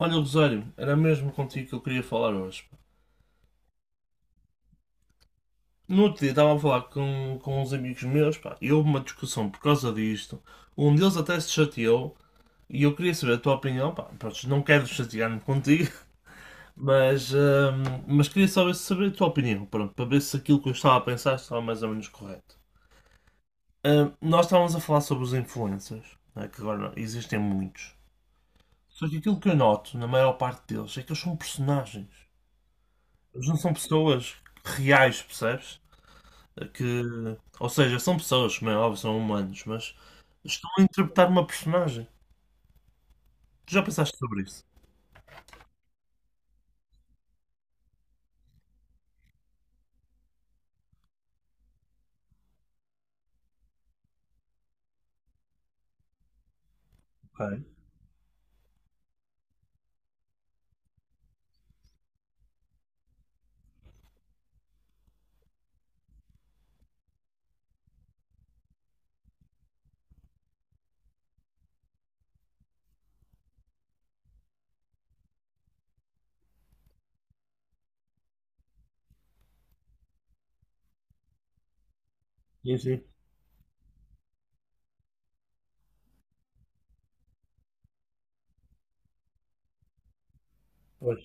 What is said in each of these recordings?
Olha, Rosário, era mesmo contigo que eu queria falar hoje. No outro dia estava a falar com uns amigos meus, pá, e houve uma discussão por causa disto. Um deles até se chateou, e eu queria saber a tua opinião, pá, pronto, não quero chatear-me contigo, mas queria saber a tua opinião, pronto, para ver se aquilo que eu estava a pensar estava mais ou menos correto. Nós estávamos a falar sobre os influencers, né, que agora existem muitos. Só que aquilo que eu noto, na maior parte deles, é que eles são personagens. Eles não são pessoas reais, percebes? Que, ou seja, são pessoas, como é óbvio, são humanos, mas estão a interpretar uma personagem. Tu já pensaste sobre isso? Ok. Sim, sim. Pois.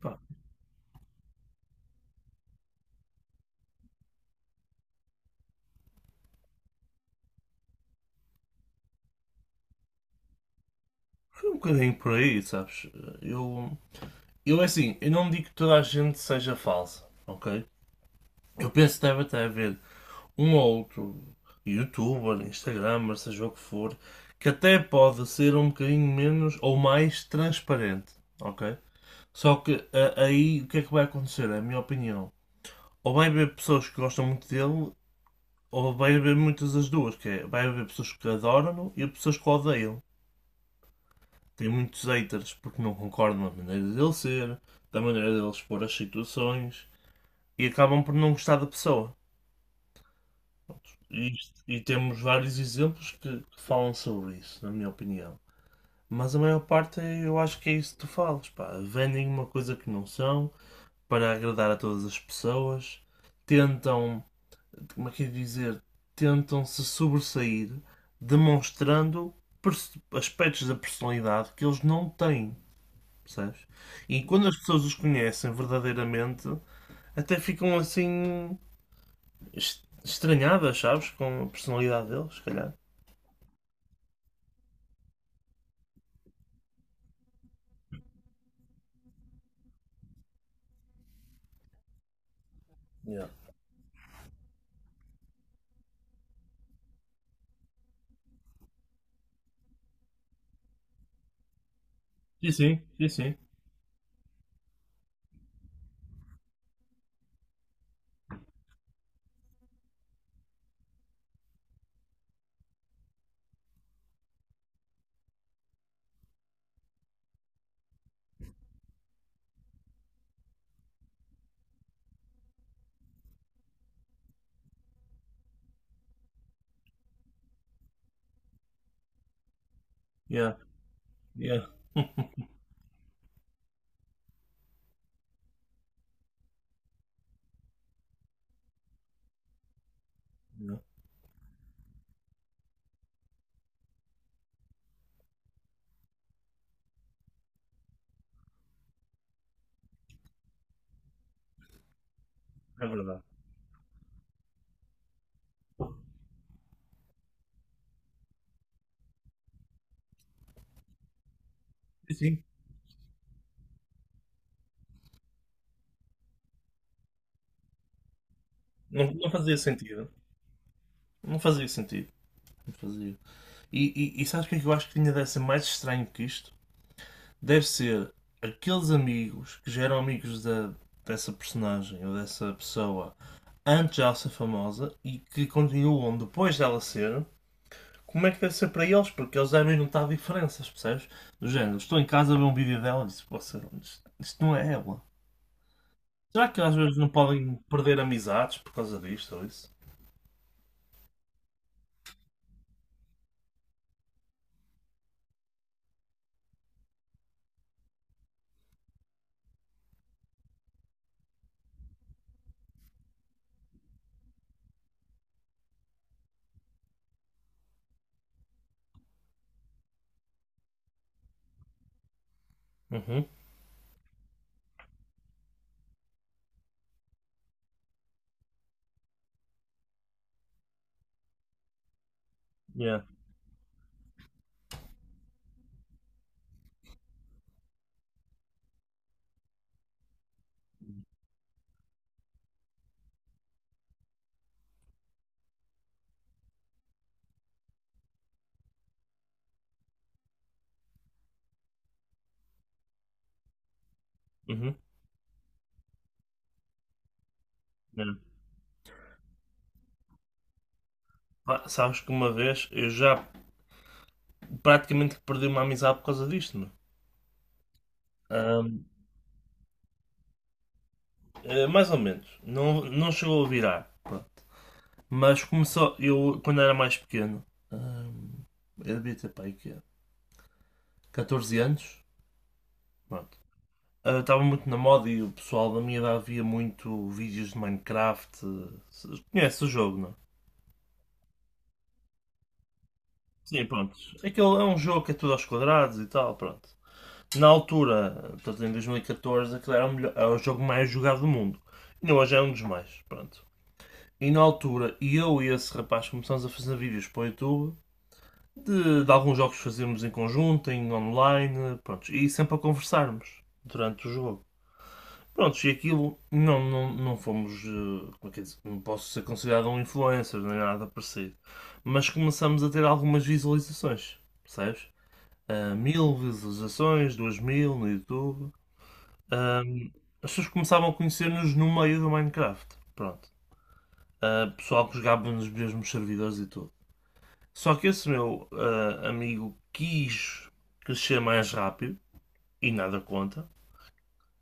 Pá, foi um bocadinho por aí, sabes? Eu, eu é assim, eu não digo que toda a gente seja falsa, ok? Eu penso que deve até haver um ou outro youtuber, instagramer, seja o que for, que até pode ser um bocadinho menos ou mais transparente, ok? Só que aí o que é que vai acontecer? É a minha opinião. Ou vai haver pessoas que gostam muito dele, ou vai haver muitas das duas, que é, vai haver pessoas que adoram e pessoas que o odeiam. Tem muitos haters porque não concordam na maneira dele ser, da maneira dele expor as situações, e acabam por não gostar da pessoa. E, e temos vários exemplos que falam sobre isso, na minha opinião. Mas a maior parte eu acho que é isso que tu falas, pá. Vendem uma coisa que não são para agradar a todas as pessoas, tentam como é que é dizer, tentam se sobressair demonstrando aspectos da personalidade que eles não têm, percebes? E quando as pessoas os conhecem verdadeiramente, até ficam assim estranhadas, sabes? Com a personalidade deles, se calhar. Yeah. Sim, sim, sim, sim. Yeah, yeah, yeah. É verdade. Sim, sim. Não, não fazia sentido. Não fazia sentido. Não fazia. E sabes o que é que eu acho que ainda deve ser mais estranho que isto? Deve ser aqueles amigos que já eram amigos dessa personagem ou dessa pessoa antes de ela ser famosa e que continuam depois dela ser, como é que deve ser para eles? Porque eles devem notar diferenças, percebes? Do género, estou em casa a ver um vídeo dela e disse, "Poxa, isto não é ela. Será que às vezes não podem perder amizades por causa disto ou isso? Uhum. Yeah. Uhum. Yeah. Pá, sabes que uma vez eu já praticamente perdi uma amizade por causa disto, meu. Ahm, Mais ou menos. Não, não chegou a virar. Pronto. Mas começou. Eu, quando era mais pequeno, hum, eu devia ter pai, que 14 anos. Pronto. Estava muito na moda e o pessoal da minha idade via muito vídeos de Minecraft. Conhece o jogo, não? é? Sim, pronto. Aquele é um jogo que é tudo aos quadrados e tal, pronto. Na altura, portanto, em 2014, aquele era o jogo mais jogado do mundo. E hoje é um dos mais, pronto. E na altura, eu e esse rapaz começamos a fazer vídeos para o YouTube de alguns jogos que fazemos em conjunto, em online, pronto, e sempre a conversarmos durante o jogo. Pronto, e aquilo não fomos, como é que é dizer, não posso ser considerado um influencer nem nada parecido, mas começamos a ter algumas visualizações, percebes? Mil visualizações, duas mil no YouTube. Ah, As pessoas começavam a conhecer-nos no meio do Minecraft, pronto. Pessoal que jogava nos mesmos servidores e tudo. Só que esse meu amigo quis crescer mais rápido e nada conta.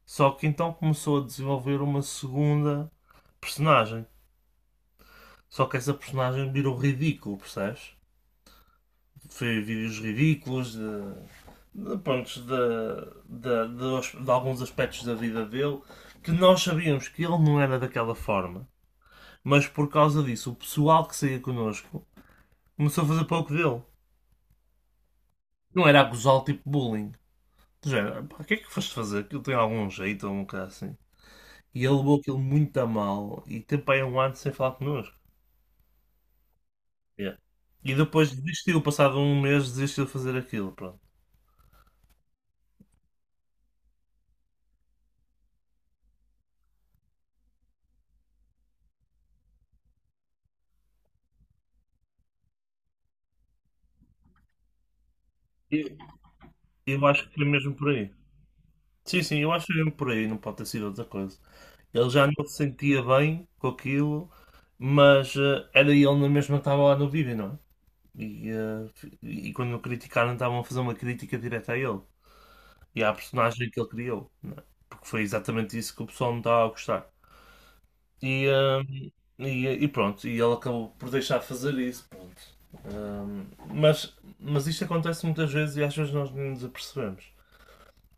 Só que então começou a desenvolver uma segunda personagem. Só que essa personagem virou ridículo, percebes? Foi vídeos ridículos pronto, de alguns aspectos da vida dele que nós sabíamos que ele não era daquela forma. Mas por causa disso, o pessoal que saía connosco começou a fazer pouco dele. Não era a gozar tipo bullying. Do género, pá, o que é que foste fazer? Aquilo tem algum jeito ou um bocado assim. E ele levou aquilo muito a mal e teve para aí um ano sem falar connosco. Yeah. E depois desistiu, passado um mês, desistiu de fazer aquilo. Pronto. E, eu acho que foi mesmo por aí. Sim, sim, eu acho que foi mesmo por aí, não pode ter sido outra coisa. Ele já não se sentia bem com aquilo, mas era ele na mesma que estava lá no vídeo, não é? E, eh, e quando o criticaram, estavam a fazer uma crítica direta a ele. E à personagem que ele criou, não é? Porque foi exatamente isso que o pessoal não estava a gostar. E, hum, e pronto, e ele acabou por deixar fazer isso, pronto. Hum, mas isto acontece muitas vezes e às vezes nós nem nos apercebemos.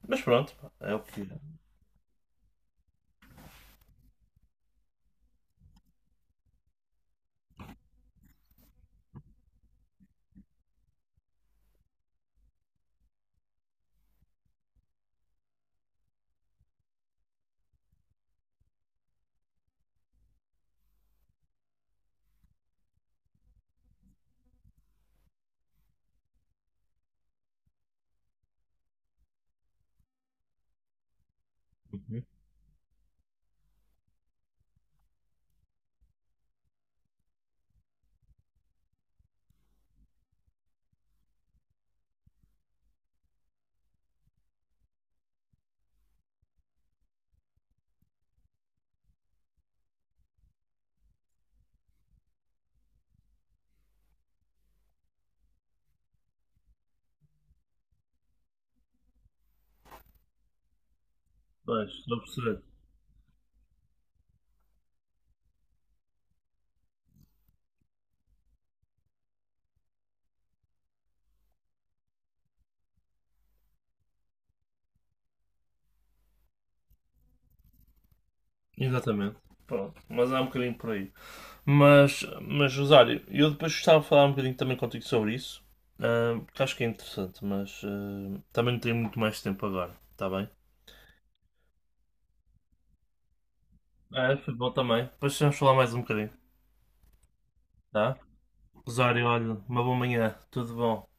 Mas pronto, pá, é o que é. Pois, estou a perceber. Exatamente. Pronto, mas há um bocadinho por aí. Mas Rosário, eu depois gostava de falar um bocadinho também contigo sobre isso, porque acho que é interessante, mas também não tenho muito mais tempo agora, está bem? É, futebol também. Depois vamos falar mais um bocadinho, tá? Rosário, olha, uma boa manhã, tudo bom.